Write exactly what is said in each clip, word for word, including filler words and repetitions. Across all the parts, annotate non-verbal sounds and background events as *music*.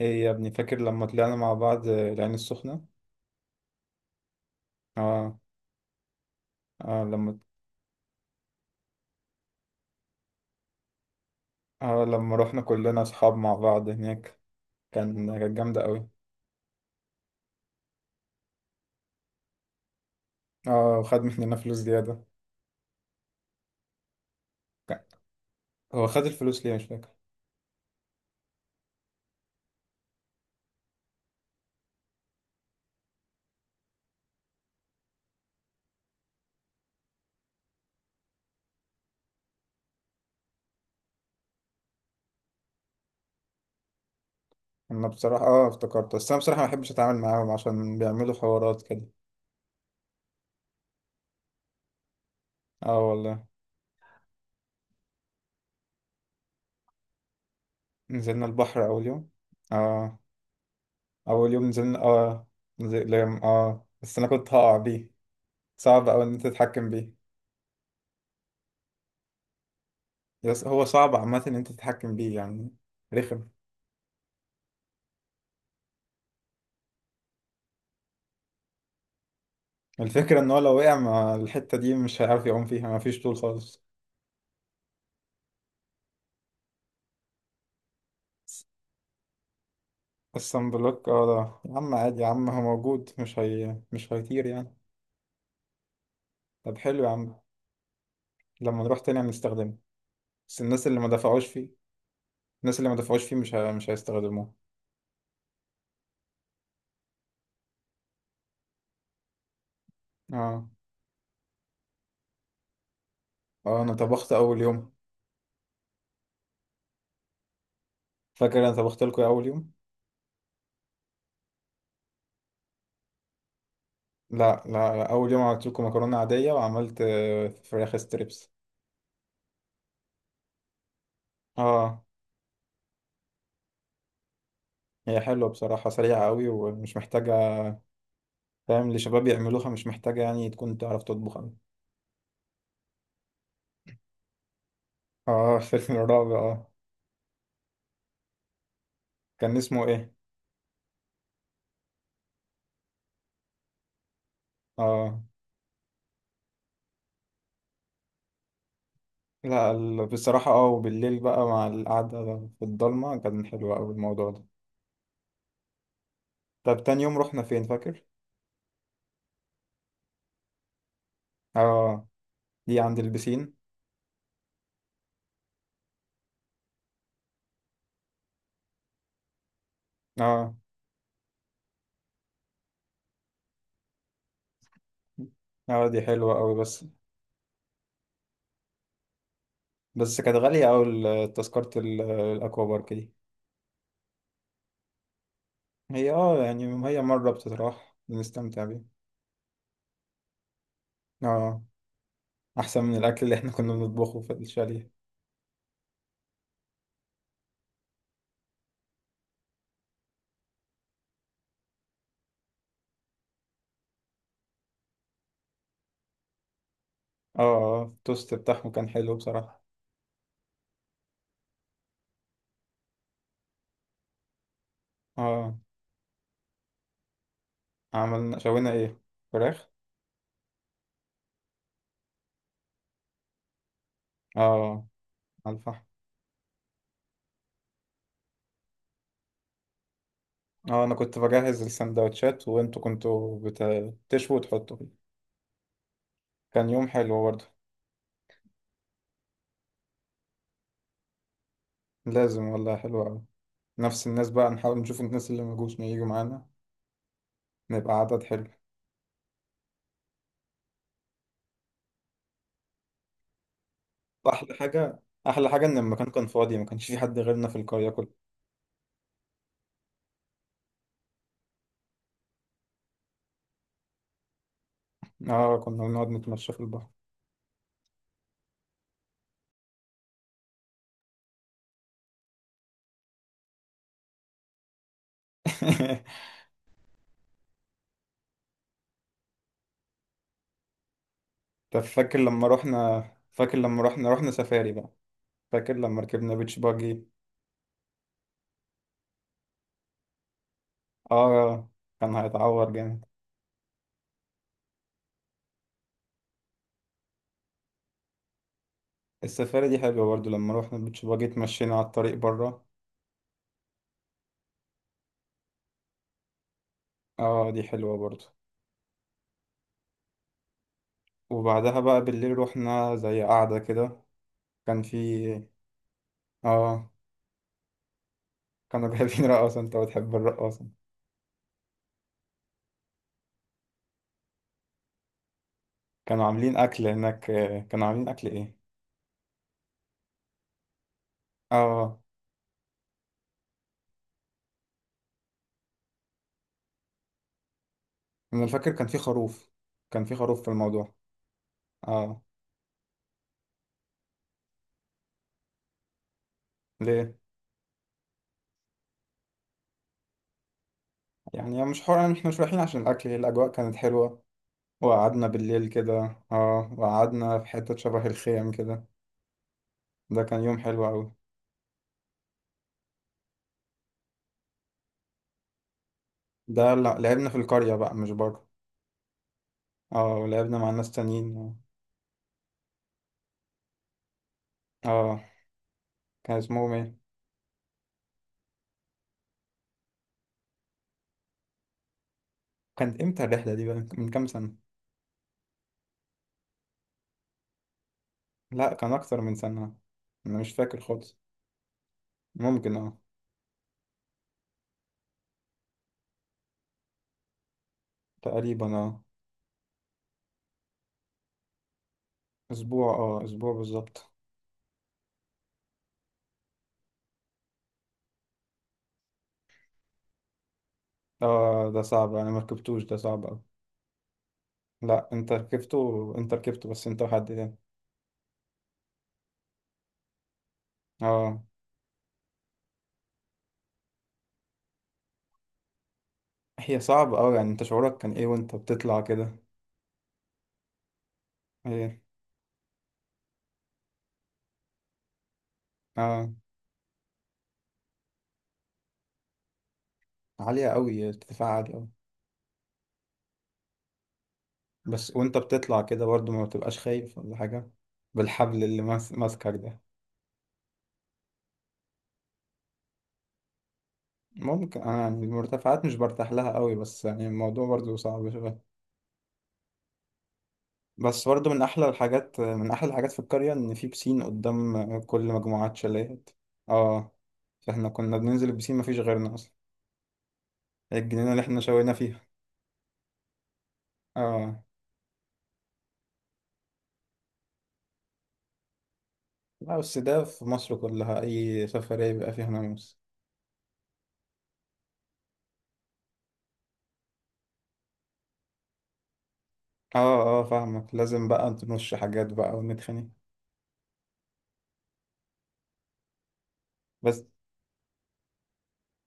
ايه يا ابني، فاكر لما طلعنا مع بعض العين السخنة؟ اه. اه لما اه لما رحنا كلنا اصحاب مع بعض هناك. كان كانت جامدة قوي. اه، وخد مننا فلوس زيادة. كان- هو خد الفلوس ليه، مش فاكر. انا بصراحة اه افتكرت، بس انا بصراحة ما بحبش اتعامل معاهم عشان بيعملوا حوارات كده. اه والله. نزلنا البحر اول يوم. اه، اول يوم نزلنا. اه نزل... اه، بس انا كنت هقع بيه. صعب اوي ان انت تتحكم بيه. يس- هو صعب عامة ان انت تتحكم بيه، يعني. رخم. الفكرة ان هو لو وقع مع الحتة دي مش هيعرف يقوم فيها، مفيش طول خالص. الصن بلوك، اه، ده يا عم، عادي يا عم، هو موجود، مش هي مش هيطير يعني. طب، حلو يا عم. لما نروح تاني هنستخدمه. بس الناس اللي ما دفعوش فيه، الناس اللي ما دفعوش فيه مش ه... مش هيستخدموه. اه، اه، انا طبخت اول يوم. فاكر انا طبخت لكم إيه اول يوم؟ لا لا لا، اول يوم عملت لكم مكرونة عادية، وعملت آه، فراخ ستريبس. اه، هي حلوة بصراحة، سريعة قوي ومش محتاجة. فاهم، لشباب يعملوها، مش محتاجة يعني تكون تعرف تطبخ أوي. اه. *laughs* فيلم الرعب اه. كان اسمه ايه؟ اه، لا، ال- بصراحة اه وبالليل بقى مع القعدة في الضلمة، كان حلو أوي الموضوع ده. طب، تاني يوم رحنا فين، فاكر؟ اه، دي عند البسين. اه، اه، دي حلوة أوي. بس بس كانت غالية أوي، ال- تذكرة ال- الأكوا بارك دي. هي اه يعني هي مرة بتتراح بنستمتع بيها. اه، أحسن من الأكل اللي احنا كنا بنطبخه في الشاليه. اه، اه، التوست بتاعهم كان حلو بصراحة. اه، عملنا شوينا ايه؟ فراخ. اه، على الفحم. اه، انا كنت بجهز السندوتشات وانتوا كنتوا بت- بتشووا وتحطوا فيه. كان يوم حلو برضه. لازم والله، حلو قوي. نفس الناس بقى، نحاول نشوف الناس اللي مجوش ييجوا معانا. نبقى عدد حلو. احلى حاجة. احلى حاجة ان المكان كان فاضي، ما كانش في حد غيرنا في القرية كلها. اه، كنا بنقعد نتمشى في البحر. *laughs* طب، فاكر لما رحنا فاكر لما رحنا رحنا سفاري بقى. فاكر لما ركبنا بيتش باجي؟ اه. كان هيتعور جامد. السفاري دي حلوة برضه، لما رحنا البيتش باجي اتمشينا على الطريق بره. اه، دي حلوة برضو. وبعدها بقى بالليل روحنا زي قعدة كده. كان في اه كانوا جايبين *laughs* رقاصة. انت بتحب الرقاصة. كانوا عاملين أكل هناك، آه، كانوا عاملين أكل ايه؟ اه، أنا فاكر كان في خروف، كان في خروف في الموضوع. اه. ليه؟ يعني مش حوار، يعني احنا مش رايحين عشان الأكل، هي الأجواء كانت حلوة. وقعدنا بالليل كده، اه وقعدنا في حتة شبه الخيم كده. ده كان يوم حلو أوي. ده لع- لعبنا في القرية بقى، مش بره. اه، ولعبنا مع ناس تانيين. اه. كان اسمهم ايه؟ كانت امتى الرحله دي بقى، من كام سنه؟ لا، كان اكتر من سنه. انا مش فاكر خالص. ممكن اه. تقريبا اه. اسبوع اه اسبوع بالظبط. اه، ده صعب، انا ما ركبتوش، ده صعب اوي. لا، انت ركبته، انت ركبته، بس انت وحد تاني. اه، هي صعبة اوي، يعني انت شعورك كان ايه وانت بتطلع كده؟ ايه. اه، عالية اوي، ارتفاع عالي اوي. بس وانت بتطلع كده برضو ما بتبقاش خايف ولا حاجة؟ بالحبل اللي ماس- ماسكك ده. ممكن، انا يعني المرتفعات مش برتاح لها قوي، بس يعني الموضوع برضو صعب شويه. بس برضو من احلى الحاجات من احلى الحاجات في القريه ان في بسين قدام كل مجموعات شاليهات. اه، فاحنا كنا بننزل البسين مفيش غيرنا اصلا. الجنينه اللي احنا شوينا فيها. اه، لا، بس ده في مصر كلها، اي سفريه بيبقى فيها ناموس. اه، اه، فاهمك، لازم بقى نرش حاجات بقى ونتخانق. بس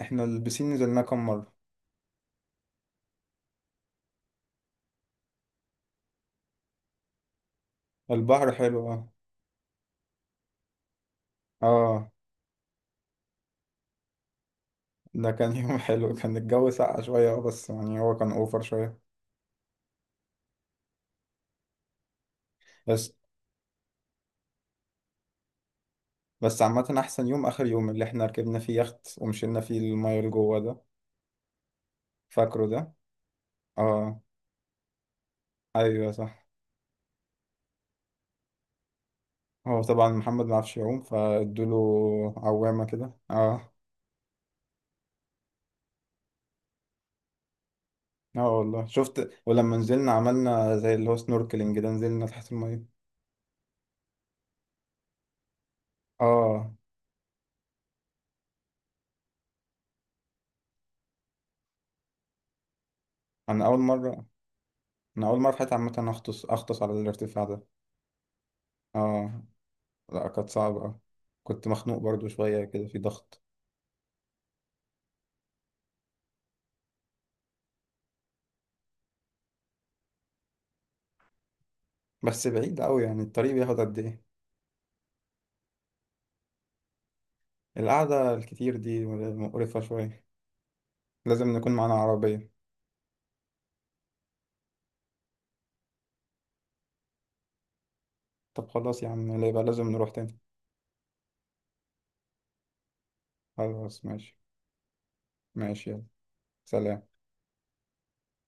احنا البسين نزلناه كام مره؟ البحر حلو اه. اه، ده كان *laughs* يوم حلو، كان الجو ساقع شوية، اه بس يعني هو كان اوفر شوية. بس بس عامة أحسن يوم آخر يوم، اللي احنا ركبنا فيه يخت ومشينا فيه المية لجوه ده. فاكره ده؟ اه. أيوه صح. هو طبعا محمد معرفش يعوم، فادوله عوامة كده، اه. اه والله، شفت، ولما نزلنا عملنا زي اللي هو سنوركلينج ده، نزلنا تحت المية. اه، أنا أول مرة. أنا أول مرة في حياتي عامة أغطس أغطس على الارتفاع ده. اه، لا، كانت صعبة. كنت مخنوق برضو شوية كده، في ضغط. بس بعيد أوي يعني، الطريق بياخد قد إيه؟ القعدة الكتير دي مقرفة شوية. لازم نكون معانا عربية. طب، خلاص يا عم، لا يبقى لازم نروح تاني. خلاص ماشي. ماشي يلا. سلام.